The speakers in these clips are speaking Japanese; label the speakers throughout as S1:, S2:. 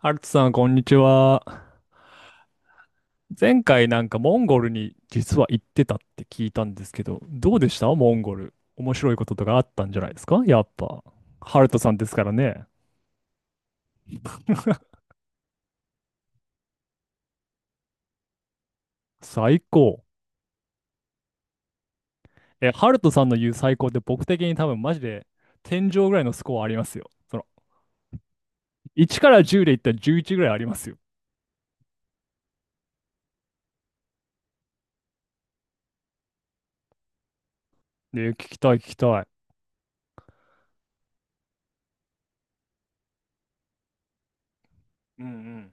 S1: アルツさん、こんにちは。前回なんかモンゴルに実は行ってたって聞いたんですけど、どうでしたモンゴル。面白いこととかあったんじゃないですかやっぱ。ハルトさんですからね。最高。え、ハルトさんの言う最高って僕的に多分マジで天井ぐらいのスコアありますよ。その、1から10で言ったら11ぐらいありますよ。で、聞きたい聞きたい。うんうん。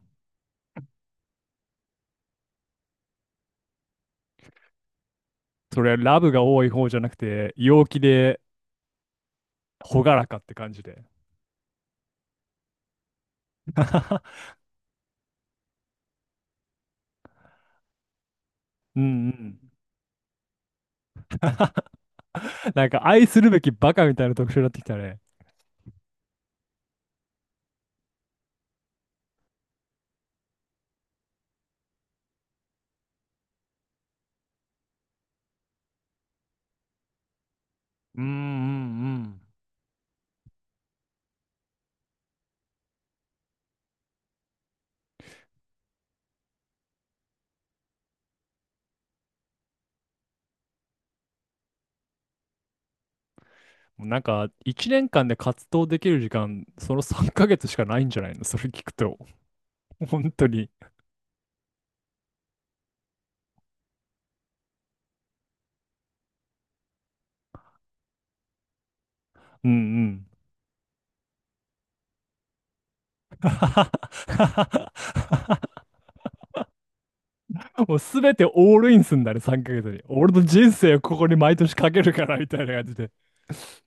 S1: それはラブが多い方じゃなくて、陽気で、ほがらかって感じで。うんうん。なんか愛するべきバカみたいな特徴になってきたね。うんうんうん。もうなんか、1年間で活動できる時間、その3ヶ月しかないんじゃないのそれ聞くと。本当に。うんうん。もうすべてオールインすんだね、3ヶ月に。俺の人生をここに毎年かけるから、みたいな感じで。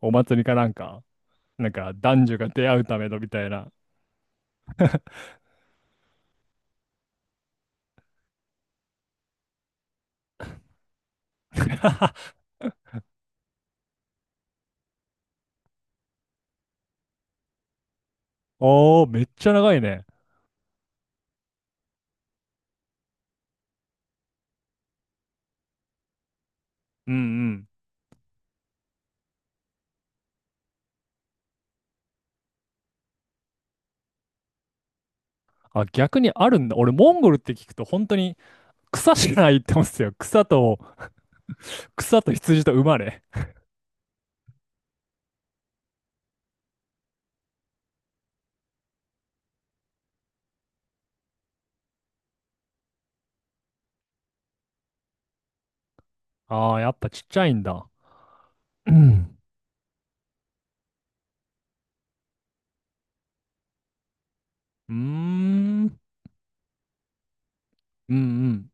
S1: お祭りかなんか、なんか男女が出会うためのみたいな。おー、めっちゃ長いね。うんうん。あ、逆にあるんだ。俺、モンゴルって聞くと本当に草しかないって思うんですよ。草と羊と馬ね。ああ、やっぱちっちゃいんだ。うん。うーん。うんうん。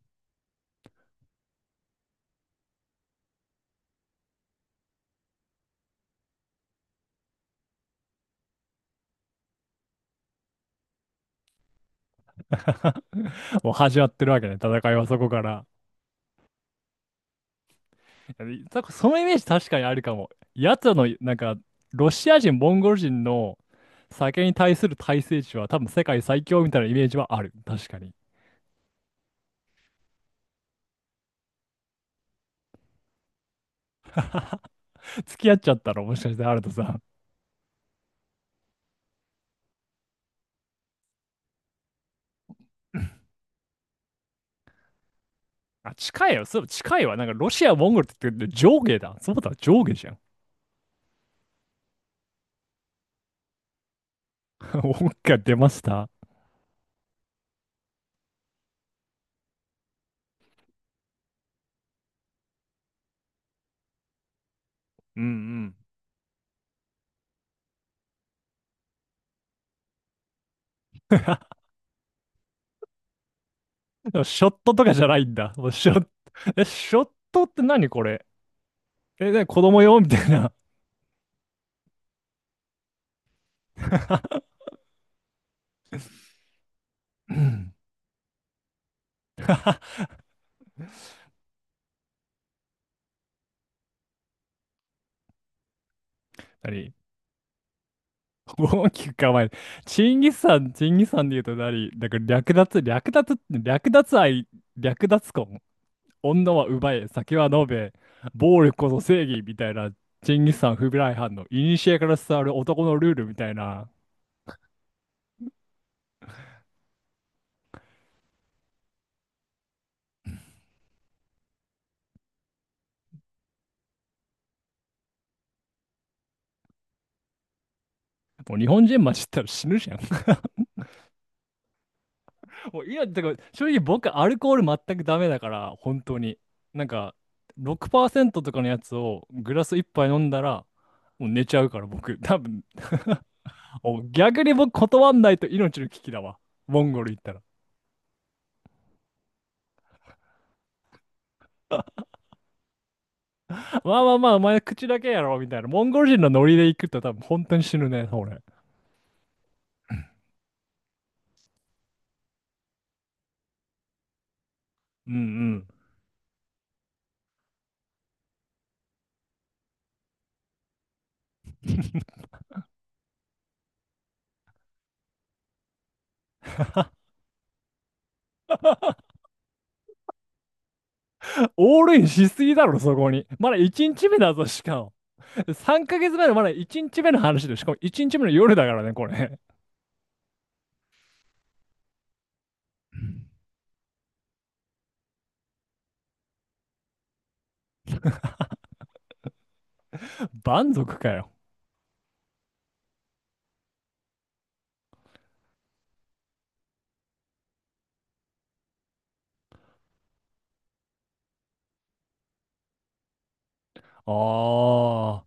S1: もう始まってるわけね、戦いはそこから。いやそそのイメージ確かにあるかも。奴らの、なんか、ロシア人、モンゴル人の酒に対する耐性値は多分世界最強みたいなイメージはある。確かに。付き合っちゃったらもしかしてあるとさん。あ、近いよ。そう、近いわ。なんかロシア、モンゴルって言ってるけど上下だ。そうだ、上下じゃん。音が出ました。うんうん。 でもショットとかじゃないんだ。もうショット、え、ショットって何これ、え、ね子供用みたいな。うん、何。 大きく構える。チンギスさん、チンギスさんで言うと何だから略奪、略奪、略奪愛、略奪婚。女は奪え、酒は飲め、暴力こそ正義みたいな、チンギスさん不備来犯の、古から伝わる男のルールみたいな。もう日本人混じったら死ぬじゃん。もう今、だから正直僕アルコール全くダメだから、本当に。なんか、6%とかのやつをグラス一杯飲んだら、もう寝ちゃうから僕、多分、お、逆に僕断んないと命の危機だわ。モンゴル行ったら。まあまあまあ、お前口だけやろ、みたいな。モンゴル人のノリで行くと多分本当に死ぬね、俺。うんうん。オールインしすぎだろ、そこに。まだ1日目だぞ、しかも。3ヶ月目のまだ1日目の話で、しかも1日目の夜だからね、これ。蛮族かよ。あ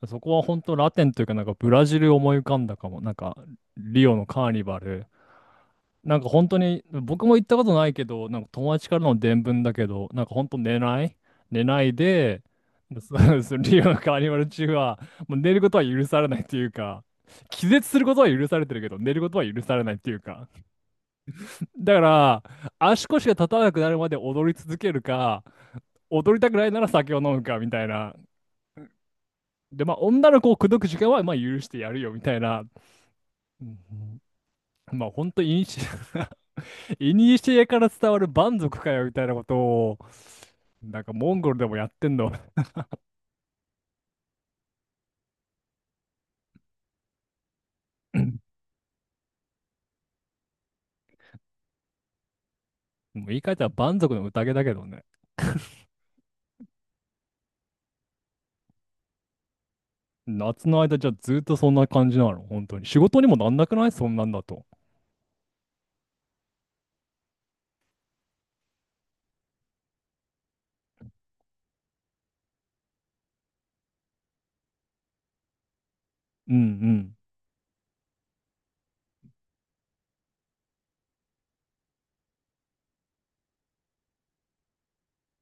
S1: あ、そこは本当ラテンというか、なんかブラジル思い浮かんだかも。なんか、リオのカーニバル。なんか本当に、僕も行ったことないけど、なんか友達からの伝聞だけど、なんか本当寝ない、寝ないで、そうそうリオのカーニバル中は、もう寝ることは許されないっていうか、気絶することは許されてるけど、寝ることは許されないっていうか。だから、足腰が立たなくなるまで踊り続けるか、踊りたくないなら酒を飲むか、みたいな。で、まあ、女の子を口説く時間は、まあ、許してやるよ、みたいな。うん、まあ、本当といにしえ、いにしえから伝わる蛮族かよ、みたいなことを、なんかモンゴルでもやってんの。もう言い換えたら蛮族の宴だけどね。夏の間じゃあずっとそんな感じなの、本当に。仕事にもなんなくないそんなんだと。うん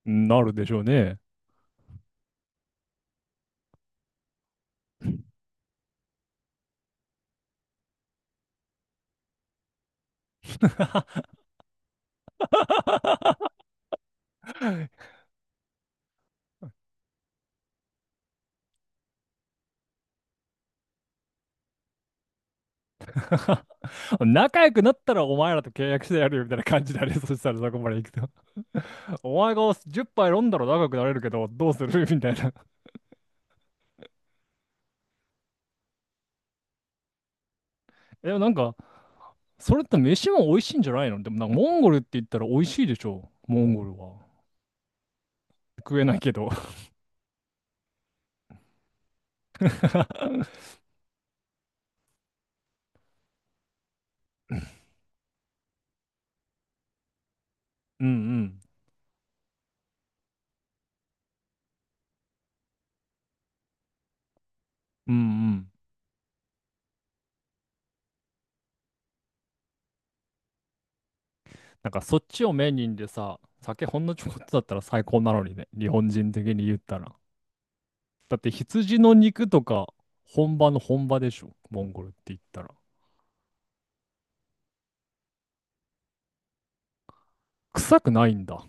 S1: うん。なるでしょうね。仲良くなったらお前らと契約してやるよみたいな感じだね。そしたらそこまで行くと。お前が10杯飲んだら仲良くなれるけど、どうする、 みたいな。でもなんか、それって飯も美味しいんじゃないの、でもなんかモンゴルって言ったら美味しいでしょ。モンゴルは。食えないけど。うんうん。うんうん。なんかそっちをメインでさ、酒ほんのちょこっとだったら最高なのにね、日本人的に言ったら。だって羊の肉とか本場の本場でしょ、モンゴルって言ったら。臭くないんだ。